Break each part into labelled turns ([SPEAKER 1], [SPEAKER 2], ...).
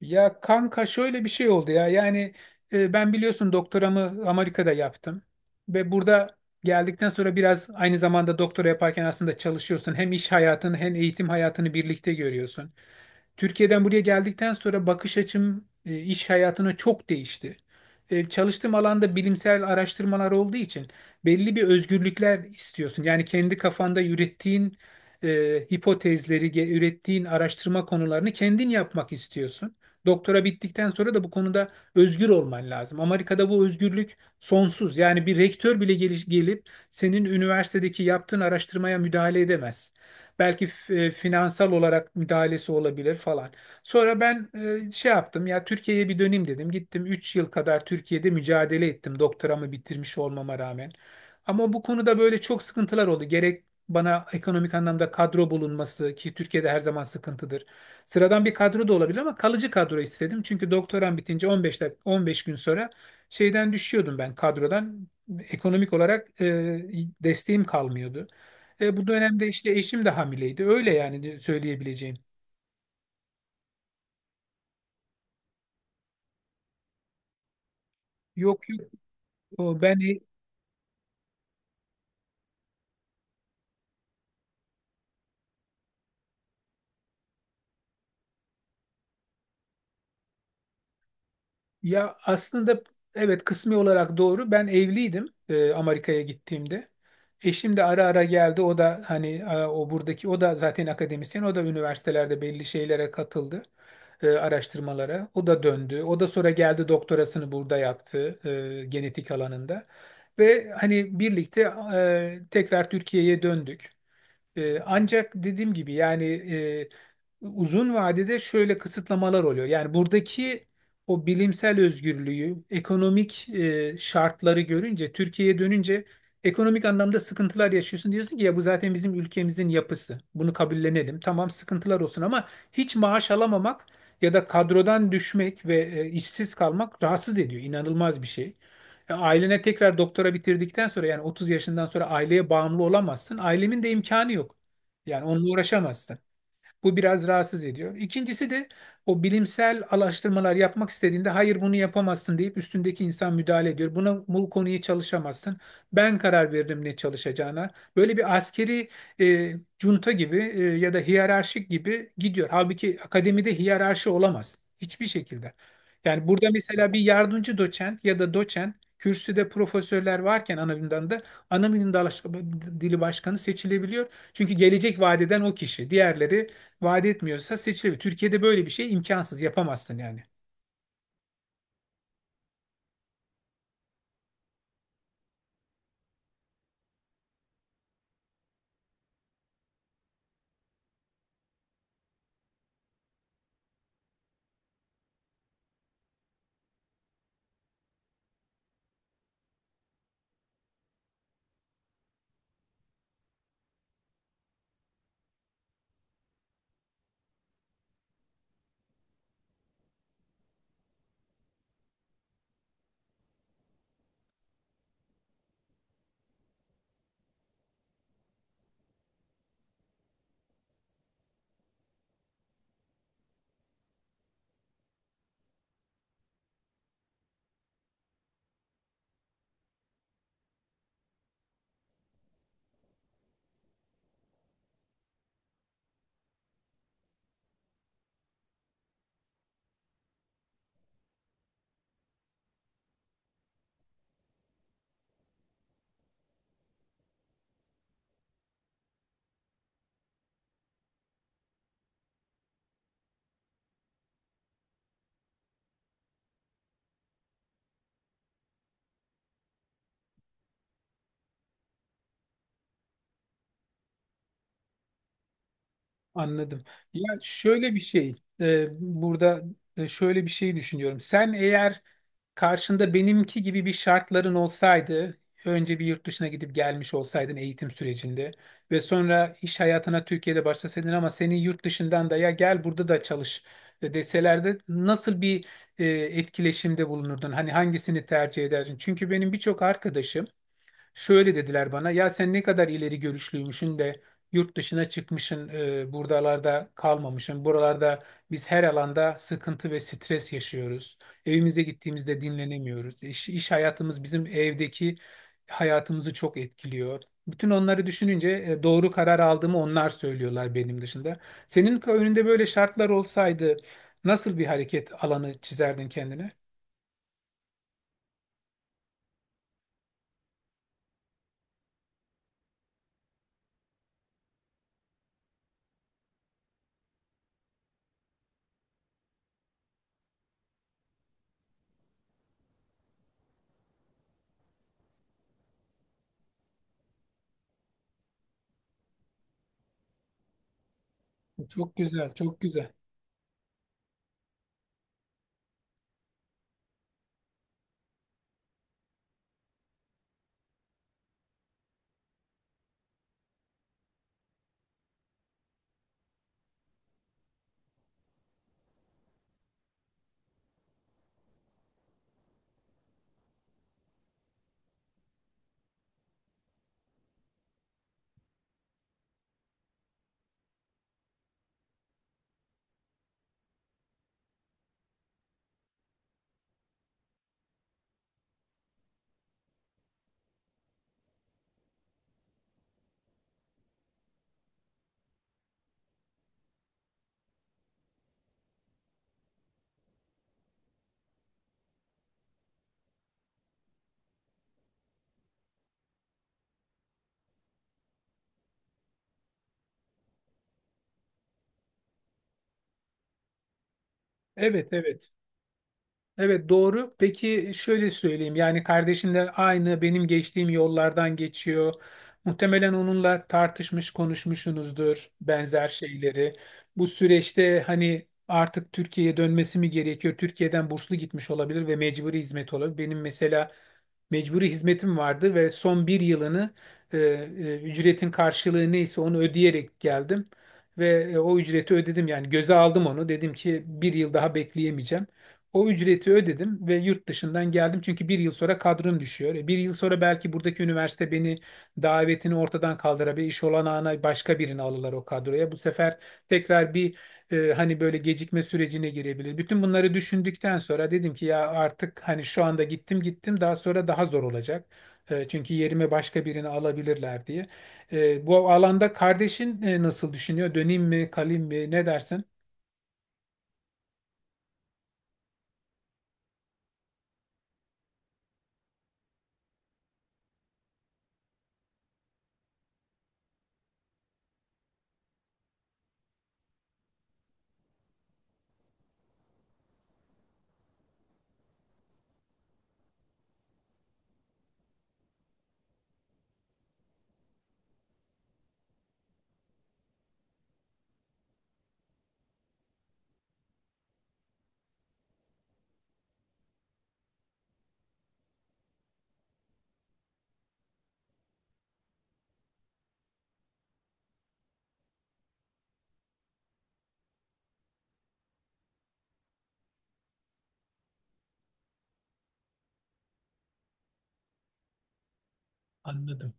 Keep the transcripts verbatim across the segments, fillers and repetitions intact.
[SPEAKER 1] Ya kanka şöyle bir şey oldu ya. Yani e, ben biliyorsun doktoramı Amerika'da yaptım. Ve burada geldikten sonra biraz aynı zamanda doktora yaparken aslında çalışıyorsun. Hem iş hayatını hem eğitim hayatını birlikte görüyorsun. Türkiye'den buraya geldikten sonra bakış açım e, iş hayatına çok değişti. E, çalıştığım alanda bilimsel araştırmalar olduğu için belli bir özgürlükler istiyorsun. Yani kendi kafanda ürettiğin e, hipotezleri, ge- ürettiğin araştırma konularını kendin yapmak istiyorsun. Doktora bittikten sonra da bu konuda özgür olman lazım. Amerika'da bu özgürlük sonsuz. Yani bir rektör bile geliş- gelip senin üniversitedeki yaptığın araştırmaya müdahale edemez. Belki f- e, finansal olarak müdahalesi olabilir falan. Sonra ben e, şey yaptım ya, Türkiye'ye bir döneyim dedim. Gittim üç yıl kadar Türkiye'de mücadele ettim doktoramı bitirmiş olmama rağmen. Ama bu konuda böyle çok sıkıntılar oldu. Gerek bana ekonomik anlamda kadro bulunması ki Türkiye'de her zaman sıkıntıdır. Sıradan bir kadro da olabilir ama kalıcı kadro istedim. Çünkü doktoram bitince on beş dak- on beş gün sonra şeyden düşüyordum ben kadrodan. Ekonomik olarak e, desteğim kalmıyordu. E, bu dönemde işte eşim de hamileydi. Öyle yani söyleyebileceğim. Yok yok, o ben e- Ya aslında evet, kısmi olarak doğru. Ben evliydim e, Amerika'ya gittiğimde. Eşim de ara ara geldi. O da hani, e, o buradaki, o da zaten akademisyen. O da üniversitelerde belli şeylere katıldı. E, araştırmalara. O da döndü. O da sonra geldi doktorasını burada yaptı e, genetik alanında. Ve hani birlikte e, tekrar Türkiye'ye döndük. Ee, ancak dediğim gibi yani e, uzun vadede şöyle kısıtlamalar oluyor. Yani buradaki o bilimsel özgürlüğü, ekonomik e, şartları görünce, Türkiye'ye dönünce ekonomik anlamda sıkıntılar yaşıyorsun. Diyorsun ki ya bu zaten bizim ülkemizin yapısı. Bunu kabullenelim. Tamam sıkıntılar olsun ama hiç maaş alamamak ya da kadrodan düşmek ve e, işsiz kalmak rahatsız ediyor. İnanılmaz bir şey. Ya ailene tekrar doktora bitirdikten sonra yani otuz yaşından sonra aileye bağımlı olamazsın. Ailemin de imkanı yok. Yani onunla uğraşamazsın. Bu biraz rahatsız ediyor. İkincisi de o bilimsel araştırmalar yapmak istediğinde hayır bunu yapamazsın deyip üstündeki insan müdahale ediyor. Buna bu konuyu çalışamazsın. Ben karar verdim ne çalışacağına. Böyle bir askeri e, junta gibi e, ya da hiyerarşik gibi gidiyor. Halbuki akademide hiyerarşi olamaz hiçbir şekilde. Yani burada mesela bir yardımcı doçent ya da doçent kürsüde profesörler varken ana bilimden de ana bilim dala- dili başkanı seçilebiliyor. Çünkü gelecek vadeden o kişi. Diğerleri vaat etmiyorsa seçilebilir. Türkiye'de böyle bir şey imkansız, yapamazsın yani. Anladım. Ya şöyle bir şey, e, burada, e, şöyle bir şey düşünüyorum. Sen eğer karşında benimki gibi bir şartların olsaydı, önce bir yurt dışına gidip gelmiş olsaydın eğitim sürecinde ve sonra iş hayatına Türkiye'de başlasaydın ama seni yurt dışından da ya gel burada da çalış e, deselerdi nasıl bir e, etkileşimde bulunurdun? Hani hangisini tercih ederdin? Çünkü benim birçok arkadaşım şöyle dediler bana, ya sen ne kadar ileri görüşlüymüşün de yurt dışına çıkmışsın e, buradalarda kalmamışsın. Buralarda biz her alanda sıkıntı ve stres yaşıyoruz. Evimize gittiğimizde dinlenemiyoruz. İş, iş hayatımız bizim evdeki hayatımızı çok etkiliyor. Bütün onları düşününce e, doğru karar aldığımı onlar söylüyorlar benim dışında. Senin önünde böyle şartlar olsaydı nasıl bir hareket alanı çizerdin kendine? Çok güzel, çok güzel. Evet, evet. Evet doğru. Peki şöyle söyleyeyim. Yani kardeşin de aynı benim geçtiğim yollardan geçiyor. Muhtemelen onunla tartışmış, konuşmuşsunuzdur benzer şeyleri. Bu süreçte hani artık Türkiye'ye dönmesi mi gerekiyor? Türkiye'den burslu gitmiş olabilir ve mecburi hizmet olabilir. Benim mesela mecburi hizmetim vardı ve son bir yılını e, e, ücretin karşılığı neyse onu ödeyerek geldim. Ve e, o ücreti ödedim yani göze aldım onu. Dedim ki bir yıl daha bekleyemeyeceğim. O ücreti ödedim ve yurt dışından geldim çünkü bir yıl sonra kadrom düşüyor. E, Bir yıl sonra belki buradaki üniversite beni davetini ortadan kaldırabilir, iş olanağına başka birini alırlar o kadroya. Bu sefer tekrar bir e, hani böyle gecikme sürecine girebilir. Bütün bunları düşündükten sonra dedim ki ya artık hani şu anda gittim gittim daha sonra daha zor olacak. E, çünkü yerime başka birini alabilirler diye. E, bu alanda kardeşin e, nasıl düşünüyor? Döneyim mi, kalayım mı? Ne dersin? Anladım.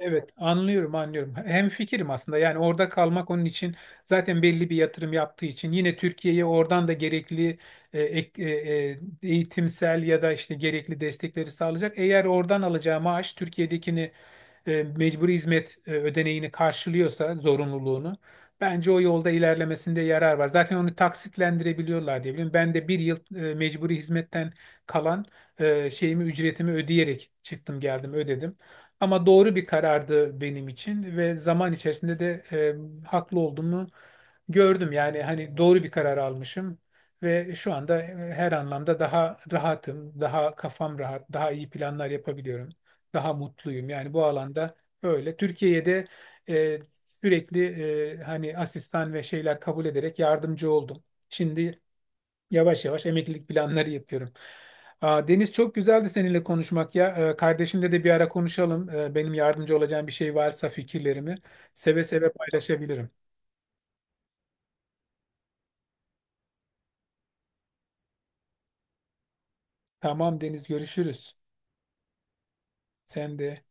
[SPEAKER 1] Evet, anlıyorum, anlıyorum. Hem fikirim aslında. Yani orada kalmak onun için zaten belli bir yatırım yaptığı için yine Türkiye'ye oradan da gerekli e, ek- e, e, eğitimsel ya da işte gerekli destekleri sağlayacak. Eğer oradan alacağı maaş Türkiye'dekini e, mecburi hizmet e, ödeneğini karşılıyorsa zorunluluğunu bence o yolda ilerlemesinde yarar var. Zaten onu taksitlendirebiliyorlar diye biliyorum. Ben de bir yıl e, mecburi hizmetten kalan e, şeyimi ücretimi ödeyerek çıktım geldim ödedim. Ama doğru bir karardı benim için ve zaman içerisinde de e, haklı olduğumu gördüm. Yani hani doğru bir karar almışım ve şu anda e, her anlamda daha rahatım, daha kafam rahat, daha iyi planlar yapabiliyorum, daha mutluyum. Yani bu alanda öyle. Türkiye'de e, sürekli, e, hani asistan ve şeyler kabul ederek yardımcı oldum. Şimdi yavaş yavaş emeklilik planları yapıyorum. Aa, Deniz çok güzeldi seninle konuşmak ya. Ee, kardeşimle de bir ara konuşalım. Ee, benim yardımcı olacağım bir şey varsa fikirlerimi seve seve paylaşabilirim. Tamam Deniz, görüşürüz. Sen de.